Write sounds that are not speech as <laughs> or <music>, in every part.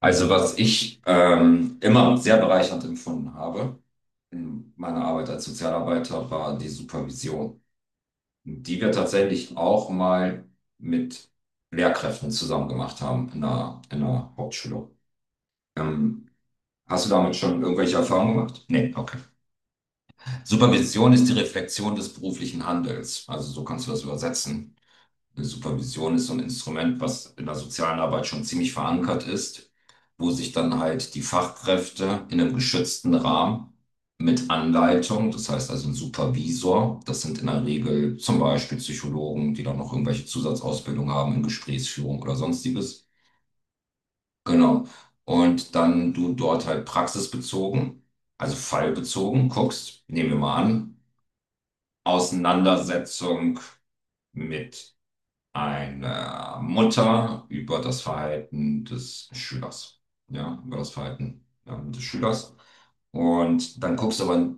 Also was ich immer sehr bereichernd empfunden habe in meiner Arbeit als Sozialarbeiter, war die Supervision. Die wir tatsächlich auch mal mit Lehrkräften zusammen gemacht haben in einer Hauptschule. Ähm, Hast du damit schon irgendwelche Erfahrungen gemacht? Nee, okay. Supervision ist die Reflexion des beruflichen Handelns. Also so kannst du das übersetzen. Supervision ist so ein Instrument, was in der sozialen Arbeit schon ziemlich verankert ist, wo sich dann halt die Fachkräfte in einem geschützten Rahmen mit Anleitung, das heißt also ein Supervisor, das sind in der Regel zum Beispiel Psychologen, die dann noch irgendwelche Zusatzausbildung haben in Gesprächsführung oder sonstiges. Genau. Und dann du dort halt praxisbezogen, also fallbezogen guckst, nehmen wir mal an, Auseinandersetzung mit einer Mutter über das Verhalten des Schülers. Ja, über das Verhalten des Schülers. Und dann guckst du aber,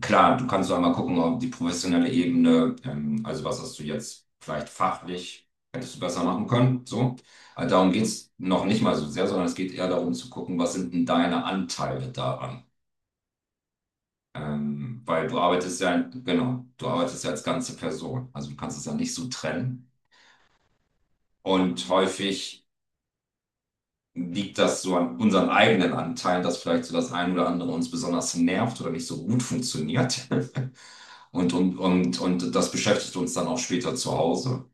klar, du kannst so einmal gucken, ob die professionelle Ebene, also was hast du jetzt vielleicht fachlich, hättest du besser machen können, so. Also darum geht's noch nicht mal so sehr, sondern es geht eher darum zu gucken, was sind denn deine Anteile daran? Weil du arbeitest ja, genau, du arbeitest ja als ganze Person. Also du kannst es ja nicht so trennen. Und häufig liegt das so an unseren eigenen Anteilen, dass vielleicht so das ein oder andere uns besonders nervt oder nicht so gut funktioniert? <laughs> Und das beschäftigt uns dann auch später zu Hause.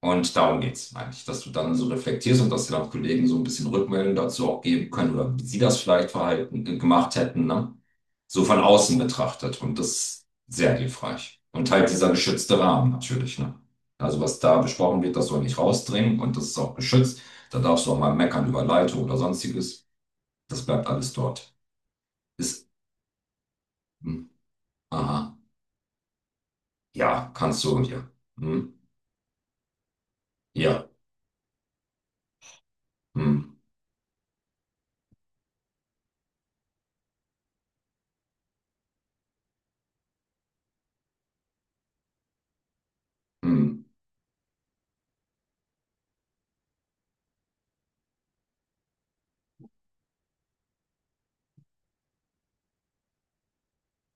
Und darum geht's eigentlich, dass du dann so reflektierst und dass dir dann Kollegen so ein bisschen Rückmeldung dazu auch geben können oder wie sie das vielleicht verhalten, gemacht hätten, ne? So von außen betrachtet. Und das ist sehr hilfreich. Und halt dieser geschützte Rahmen natürlich, ne? Also was da besprochen wird, das soll nicht rausdringen und das ist auch geschützt. Da darfst du auch mal meckern über Leitung oder sonstiges. Das bleibt alles dort. Ist, hm, aha, ja, kannst du, und hm, ja, hm, hm.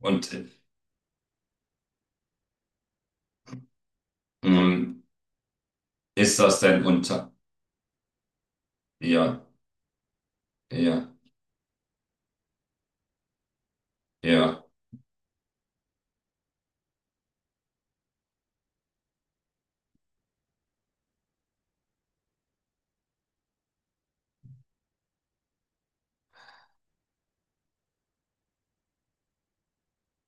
Und, hm, ist das denn unter, ja, ja, ja.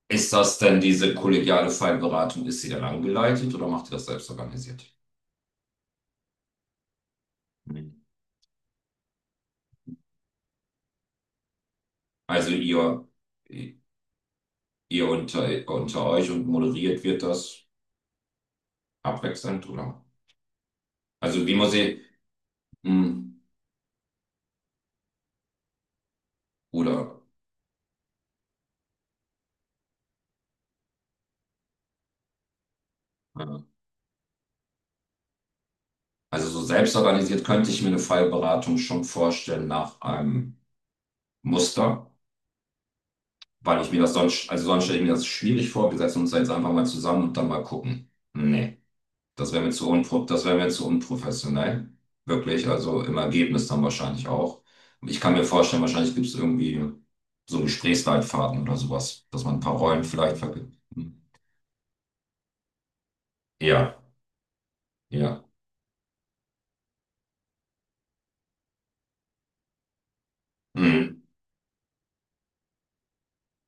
Ist das denn diese kollegiale Fallberatung, ist sie dann angeleitet oder macht ihr das selbst organisiert? Nee. Also ihr unter euch und moderiert wird das abwechselnd, oder? Also wie muss ich, hm, oder, ja. Also so selbst organisiert könnte ich mir eine Fallberatung schon vorstellen nach einem Muster, weil ich mir das sonst, also sonst stelle ich mir das schwierig vor, wir setzen uns da jetzt einfach mal zusammen und dann mal gucken. Nee. Das wäre mir zu unprofessionell. Wirklich, also im Ergebnis dann wahrscheinlich auch. Ich kann mir vorstellen, wahrscheinlich gibt es irgendwie so Gesprächsleitfaden oder sowas, dass man ein paar Rollen vielleicht vergibt. Ja, ja, mhm.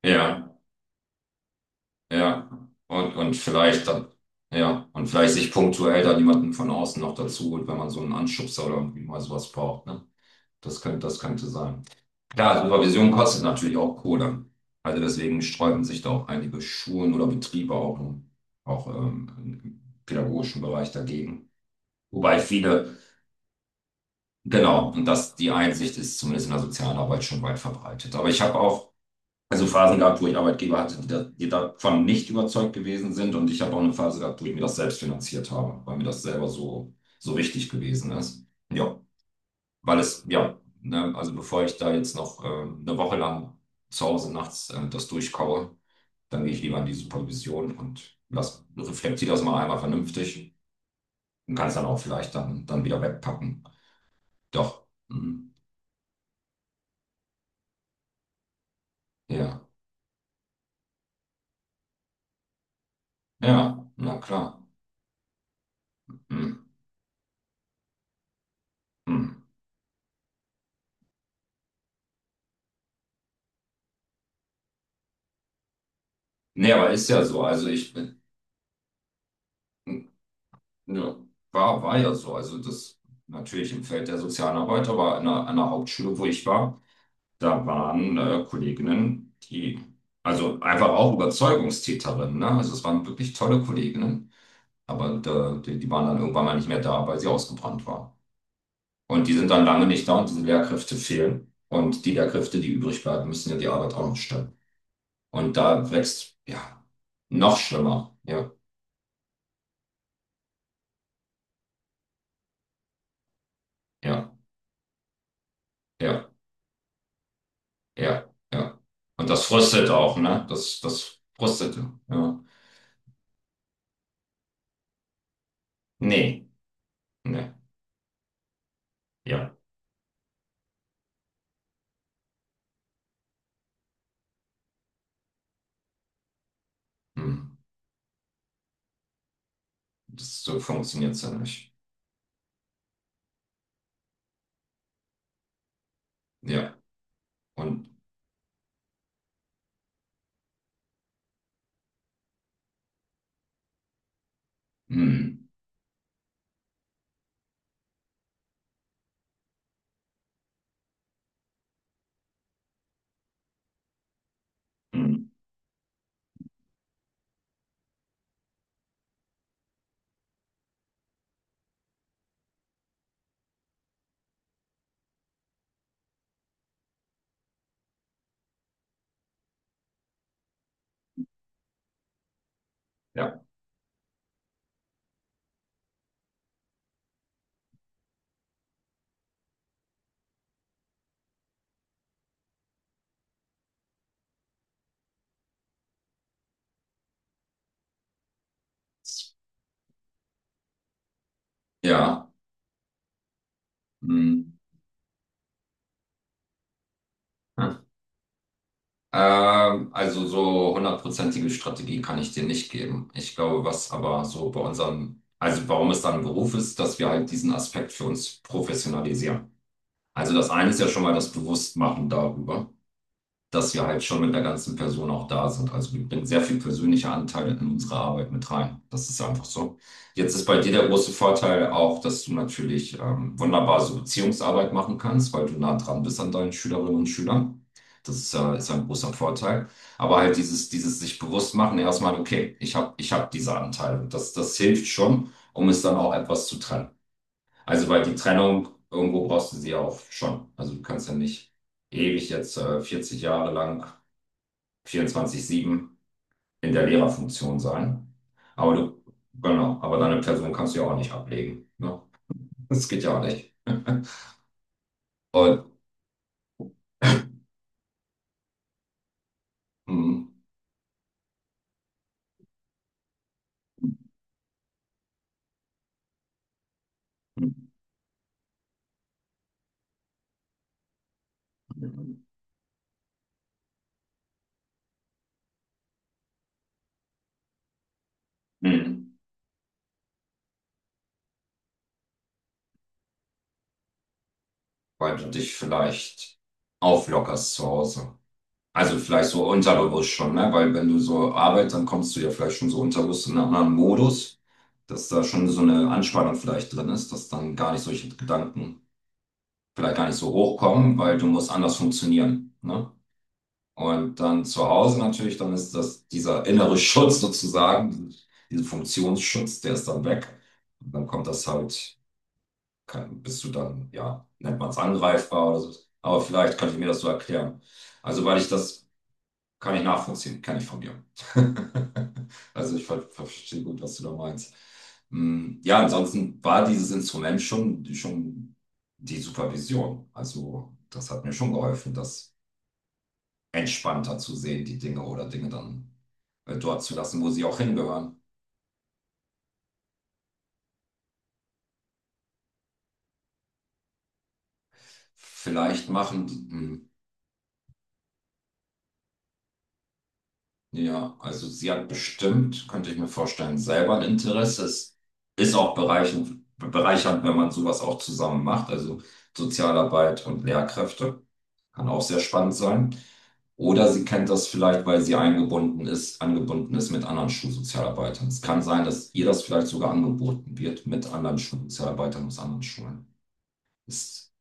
Ja, ja. Und vielleicht dann, ja, und vielleicht sich punktuell dann jemanden von außen noch dazu holt, wenn man so einen Anschubser oder irgendwie mal sowas braucht, ne? Das könnte sein. Klar, Supervision kostet natürlich auch Kohle. Also deswegen sträuben sich da auch einige Schulen oder Betriebe auch, auch ähm, im pädagogischen Bereich dagegen. Wobei viele, genau, und das, die Einsicht ist zumindest in der Sozialarbeit schon weit verbreitet. Aber ich habe auch also Phasen gehabt, wo ich Arbeitgeber hatte, die, da, die davon nicht überzeugt gewesen sind. Und ich habe auch eine Phase gehabt, wo ich mir das selbst finanziert habe, weil mir das selber so, so wichtig gewesen ist. Ja, weil es, ja, ne, also bevor ich da jetzt noch eine Woche lang zu Hause nachts das durchkaue, dann gehe ich lieber in die Supervision und lass, reflektiere das mal einmal vernünftig und kann es dann auch vielleicht dann, wieder wegpacken. Doch, mhm. Ja, ja, na klar. Mhm. Mhm. Nee, aber ist ja so, also ich bin, ja, war ja so, also das natürlich im Feld der sozialen Arbeit, aber an der Hauptschule, wo ich war, da waren Kolleginnen, die, also einfach auch Überzeugungstäterinnen, ne? Also es waren wirklich tolle Kolleginnen, aber da, die waren dann irgendwann mal nicht mehr da, weil sie ausgebrannt waren. Und die sind dann lange nicht da und diese Lehrkräfte fehlen. Und die Lehrkräfte, die übrig bleiben, müssen ja die Arbeit auch noch stemmen. Und da wächst, ja, noch schlimmer. Ja, ja, ja, ja, ja. Und das frustet auch, ne? Das frustet, ja. Nee, nee, ja. Hm. Das so funktioniert ja nicht. Ja, und hm, hm, ja, ja, hm, ja. Also so hundertprozentige Strategie kann ich dir nicht geben. Ich glaube, was aber so bei unserem, also warum es dann ein Beruf ist, dass wir halt diesen Aspekt für uns professionalisieren. Also das eine ist ja schon mal das Bewusstmachen darüber, dass wir halt schon mit der ganzen Person auch da sind. Also wir bringen sehr viel persönliche Anteile in unsere Arbeit mit rein. Das ist einfach so. Jetzt ist bei dir der große Vorteil auch, dass du natürlich wunderbar so Beziehungsarbeit machen kannst, weil du nah dran bist an deinen Schülerinnen und Schülern. Das ist, ist ein großer Vorteil. Aber halt dieses sich bewusst machen, erstmal, okay, ich hab diese Anteile. Das hilft schon, um es dann auch etwas zu trennen. Also weil die Trennung, irgendwo brauchst du sie ja auch schon. Also du kannst ja nicht ewig jetzt 40 Jahre lang 24/7 in der Lehrerfunktion sein. Aber du, genau, aber deine Person kannst du ja auch nicht ablegen. Ne? Das geht ja auch nicht. <laughs> Und, mm, mm, weil du dich vielleicht auflockerst zu Hause. Also vielleicht so unterbewusst schon, ne? Weil wenn du so arbeitest, dann kommst du ja vielleicht schon so unterbewusst in einen anderen Modus, dass da schon so eine Anspannung vielleicht drin ist, dass dann gar nicht solche Gedanken vielleicht gar nicht so hochkommen, weil du musst anders funktionieren. Ne? Und dann zu Hause natürlich, dann ist das dieser innere Schutz sozusagen, dieser Funktionsschutz, der ist dann weg. Und dann kommt das halt, kann, bist du dann, ja, nennt man es angreifbar oder so. Aber vielleicht könnte ich mir das so erklären. Also, weil ich das kann ich nachvollziehen, kenne ich von mir. <laughs> Also, ich verstehe gut, was du da meinst. Mm. Ja, ansonsten war dieses Instrument schon, die Supervision. Also, das hat mir schon geholfen, dass entspannter zu sehen, die Dinge oder Dinge dann dort zu lassen, wo sie auch hingehören. Vielleicht machen die, mh, ja, also sie hat bestimmt, könnte ich mir vorstellen, selber ein Interesse. Es ist auch bereichernd, wenn man sowas auch zusammen macht, also Sozialarbeit und Lehrkräfte. Kann auch sehr spannend sein. Oder sie kennt das vielleicht, weil sie eingebunden ist, angebunden ist mit anderen Schulsozialarbeitern. Es kann sein, dass ihr das vielleicht sogar angeboten wird mit anderen Schulsozialarbeitern aus anderen Schulen. Ist